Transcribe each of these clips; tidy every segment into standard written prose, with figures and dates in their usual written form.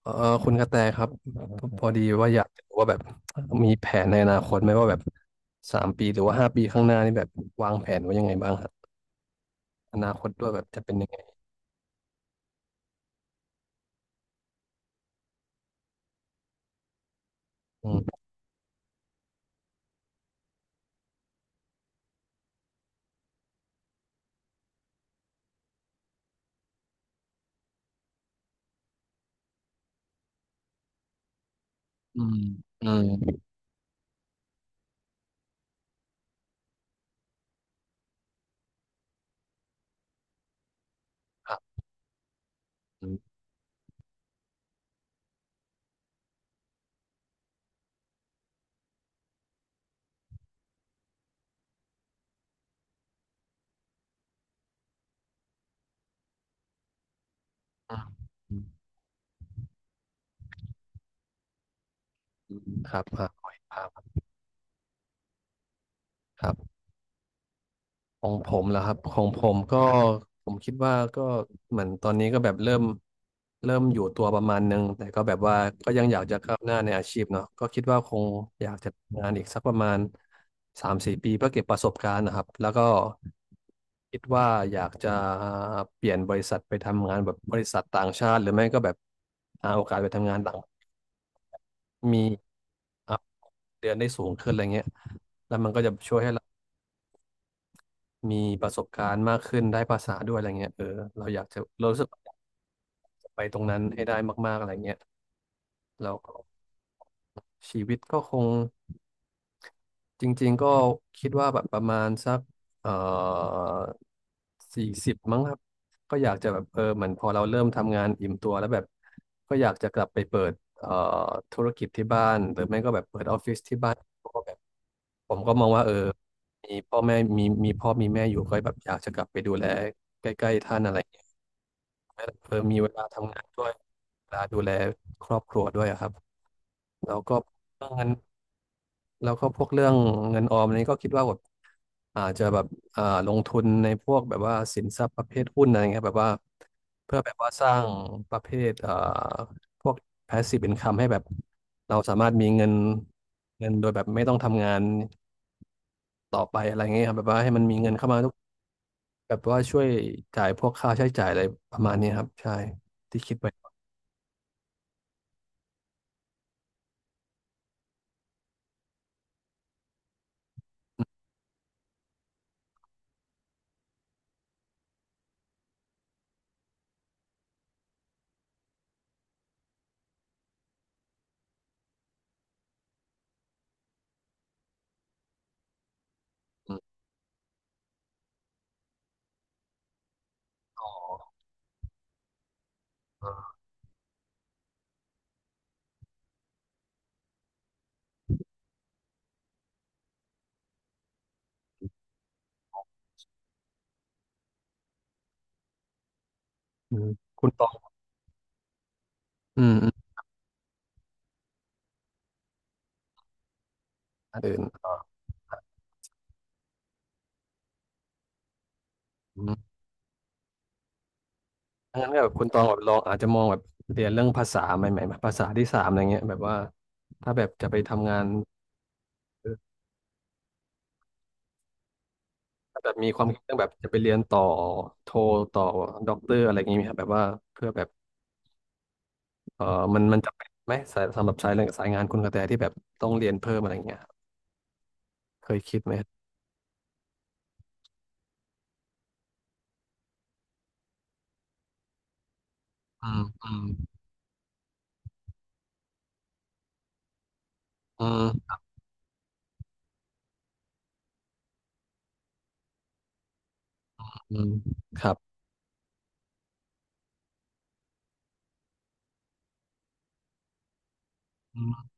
เอ่อคุณกระแตครับพอดีว่าอยากจะรู้ว่าแบบมีแผนในอนาคตไหมว่าแบบ3 ปีหรือว่า5 ปีข้างหน้านี่แบบวางแผนไว้ยังไงบ้างครับอนาคตด้วยแบบจะเป็นยังไงอืมอืมอืมครับอืมอืมอืมครับครับ ของผมเหรอครับของผมก็ผมคิดว่าก็เหมือนตอนนี้ก็แบบเริ่มอยู่ตัวประมาณนึงแต่ก็แบบว่าก็ยังอยากจะก้าวหน้าในอาชีพเนาะก็คิดว่าคงอยากจะทำงานอีกสักประมาณ3-4 ปีเพื่อเก็บประสบการณ์นะครับแล้วก็คิดว่าอยากจะเปลี่ยนบริษัทไปทำงานแบบบริษัทต่างชาติหรือไม่ก็แบบหาโอกาสไปทำงานต่างมีอัพเดือนได้สูงขึ้นอะไรเงี้ยแล้วมันก็จะช่วยให้เรา มีประสบการณ์มากขึ้นได้ภาษาด้วยอะไรเงี้ยเออเรารู้สึกว่าอยากจะไปตรงนั้นให้ได้มากๆอะไรเงี้ยแล้วก็ชีวิตก็คง จริงๆก็คิดว่าแบบประมาณสักเอ่อ40มั้งครับก็อยากจะแบบเออเหมือนพอเราเริ่มทำงานอิ่มตัวแล้วแบบก็อยากจะกลับไปเปิดธุรกิจที่บ้านหรือไม่ก็แบบเปิดออฟฟิศที่บ้านเพราะว่าแบบผมก็มองว่าเออมีพ่อแม่มีพ่อมีแม่อยู่ก็แบบอยากจะกลับไปดูแลใกล้ๆท่านอะไรอย่างเงี้ยเออมีเวลาทำงานด้วยเวลาดูแลครอบครัวด้วยอะครับแล้วก็เรื่องเงิน แล้วก็พวกเรื่องเงินออมนี้ก็คิดว่าแบบอาจจะแบบลงทุนในพวกแบบว่าสินทรัพย์ประเภทหุ้นอะไรเงี้ยแบบว่าเพื่อแบบว่าสร้างประเภทพวก passive income ให้แบบเราสามารถมีเงินโดยแบบไม่ต้องทำงานต่อไปอะไรเงี้ยครับแบบว่าให้มันมีเงินเข้ามาทุกแบบว่าช่วยจ่ายพวกค่าใช้จ่ายอะไรประมาณนี้ครับใช่ที่คิดไปอมอออืมคุณตองอืมอืมอันอื่นอ๋ออืม งั้นก็แบบคุณตองแบบลองอาจจะมองแบบเรียนเรื่องภาษาใหม่ๆแบบภาษาที่สามอะไรเงี้ยแบบว่าถ้าแบบจะไปทำงานเออถ้าแบบมีความคิดเรื่องแบบจะไปเรียนต่อโทต่อด็อกเตอร์อะไรอย่างงี้ไหมครับแบบว่าเพื่อแบบเออมันจะเป็นไหมสายสำหรับสายเรื่องสายงานคุณกระแตที่แบบต้องเรียนเพิ่มอะไรเงี้ยเคยคิดไหมอืมอืมอืมอืมครับอืม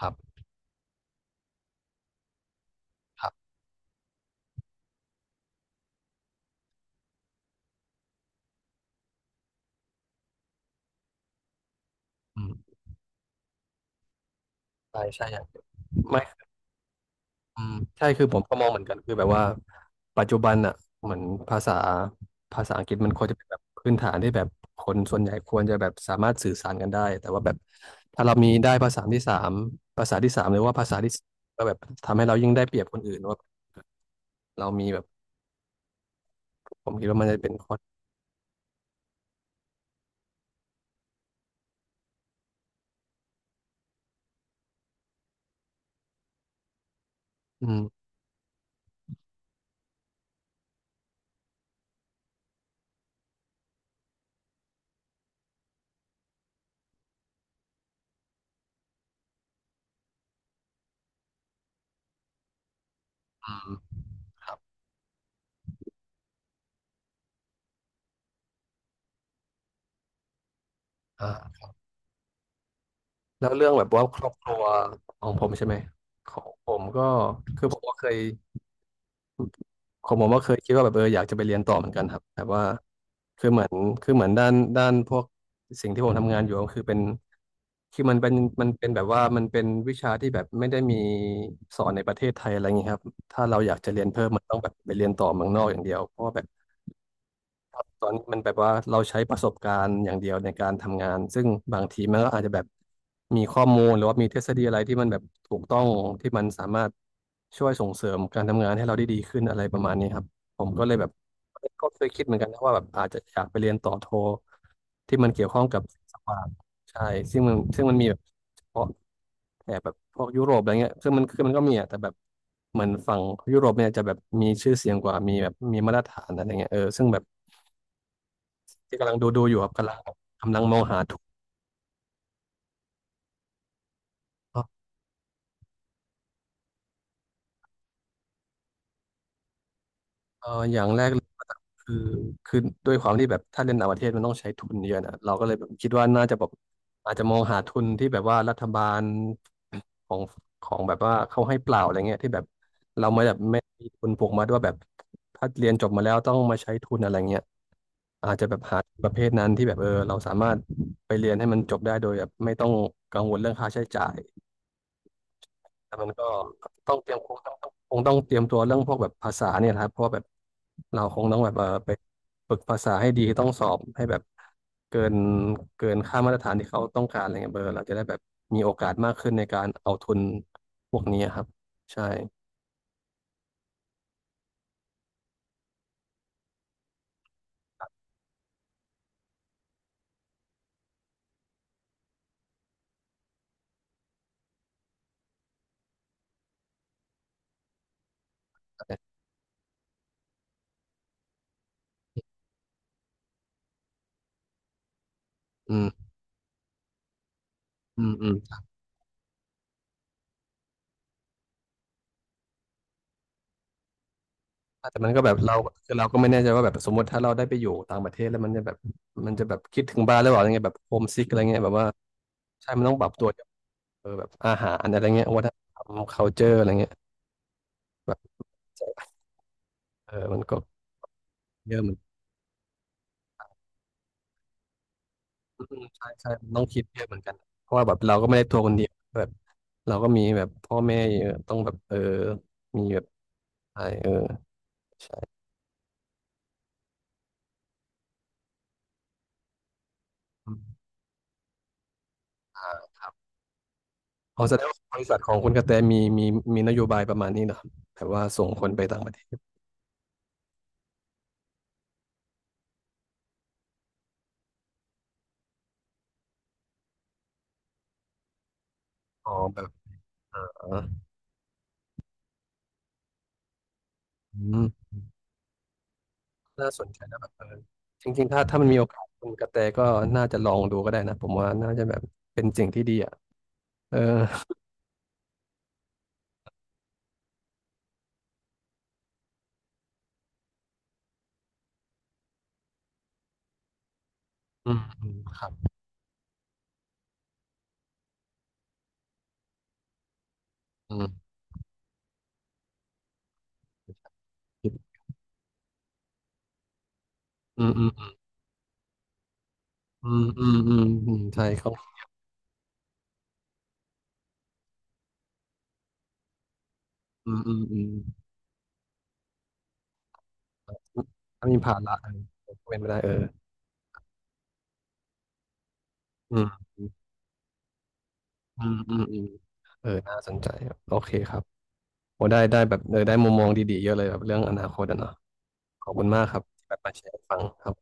ครับครับอืมใช่ใช่อย่างไม่ อืมใช่คือผมก็มองเหมือนกันคือแบบว่าปัจจุบันอ่ะเหมือนภาษาภาษาอังกฤษมันควรจะเป็นแบบพื้นฐานที่แบบคนส่วนใหญ่ควรจะแบบสามารถสื่อสารกันได้แต่ว่าแบบถ้าเรามีได้ภาษาที่สามหรือว่าภาษาที่สี่ก็แบบทำให้เรายิ่งได้เปรียบคนอื่นว่าเรามีแบบผมคิดว่ามันจะเป็นข้ออืมอืมครับอ่าแล้วเรื่องแบบว่าครอบครัวของผมใช่ไหมของผมก็คือผมก็เคย ของผมก็เคยคิดว่าแบบเอออยากจะไปเรียนต่อเหมือนกันครับแบบว่าคือเหมือนคือเหมือนด้านพวกสิ่งที่ผมทำงานอยู่ก็คือเป็นคือมันเป็นมันเป็นแบบว่ามันเป็นวิชาที่แบบไม่ได้มีสอนในประเทศไทยอะไรอย่างนี้ครับถ้าเราอยากจะเรียนเพิ่มมันต้องแบบไปเรียนต่อเมืองนอกอย่างเดียวเพราะว่าแบบ ตอนนี้มันแบบว่าเราใช้ประสบการณ์อย่างเดียวในการทำงานซึ่งบางทีมันก็อาจจะแบบมีข้อมูลหรือว่ามีทฤษฎีอะไรที่มันแบบถูกต้องที่มันสามารถช่วยส่งเสริมการทำงานให้เราได้ดีขึ้นอะไรประมาณนี้ครับผมก็เลยแบบก็เคยคิดเหมือนกันนะว่าแบบอาจจะอยากไปเรียนต่อโทที่มันเกี่ยวข้องกับสวางใช่ซึ่งมันมีแบบเฉพาะแถบแบบพวกยุโรปอะไรเงี้ยคือมันก็มีอะแต่แบบเหมือนฝั่งยุโรปเนี่ยจะแบบมีชื่อเสียงกว่ามีแบบมีมาตรฐานอะไรเงี้ยเออซึ่งแบบ ที่กำลังดูอยู่ครับกำลังกำลังมองหาทุนครับอย่างแรกเลยคือคือด้วยความที่แบบถ้าเรียนต่างประเทศมันต้องใช้ทุนเยอะนะเราก็เลยแบบคิดว่าน่าจะแบบอาจจะมองหาทุนที่แบบว่ารัฐบาลของของแบบว่าเขาให้เปล่าอะไรเงี้ยที่แบบเราไม่แบบไม่มีทุนผูกมัดว่าแบบถ้าเรียนจบมาแล้วต้องมาใช้ทุนอะไรเงี้ยอาจจะแบบหาประเภทนั้นที่แบบเออเราสามารถไปเรียนให้มันจบได้โดยแบบไม่ต้องกังวลเรื่องค่าใช้จ่าย แล้วมันก็ต้องเตรียมคงต้องคงต้องเตรียมตัวเรื่องพวกแบบภาษาเนี่ยนะครับเพราะแบบเราคงต้องแบบเออไปฝึกภาษาให้ดีต้องสอบให้แบบเกินเกินค่ามาตรฐานที่เขาต้องการอะไรเงี้ยเบอร์เราจะได้แบบมีโอกาสมากขึ้นในการเอาทุนพวกนี้ครับใช่อืมอืมอืมแต่มันก็แบบเราคือเราก็ไม่แน่ใจว่าแบบสมมติถ้าเราได้ไปอยู่ต่างประเทศแล้วมันจะแบบคิดถึงบ้านหรือเปล่าอะไรเงี้ยแบบโฮมซิกอะไรเงี้ยแบบว่าใช่มันต้องปรับตัวเออแบบอาหารอะไรเงี้ยวัฒนธรรม culture อะไรเงี้ย เออมันก็เยอะเหมือนอืมใช่ใช่มันต้องคิดเยอะเหมือนกันเพราะว่าแบบเราก็ไม่ได้ทัวร์คนเดียวแบบเราก็มีแบบพ่อแม่เยอะต้องแบบเออมีแบบใช่เออใช่อืมครับเอาแสดงว่าบริษัทของคุณกระแตมีนโยบายประมาณนี้เนอะแบบว่าส่งคนไปต่างประเทศอ๋อแบบเอออืมน่าสนใจนะแบบเออจริงๆถ้ามันมีโอกาสคุณกระแตก็น่าจะลองดูก็ได้นะผมว่าน่าจะแบบเป็นสิ่งที่ดีอ่ะเอออืมอืมครับอืมอืมอืม อืมอืมอืมอืมใช่เขาอืมอืมอืมถ้ามีภาระเออเป็นไปได้เอออืมอืมอืมอืมเออน่าสนใจครับโอเคครับโอ้ได้ได้แบบเออได้มุมมองดีๆเยอะเลยแบบเรื่องอนาคตอะเนาะขอบคุณมากครับที่แบบมาแชร์ให้ฟังครับ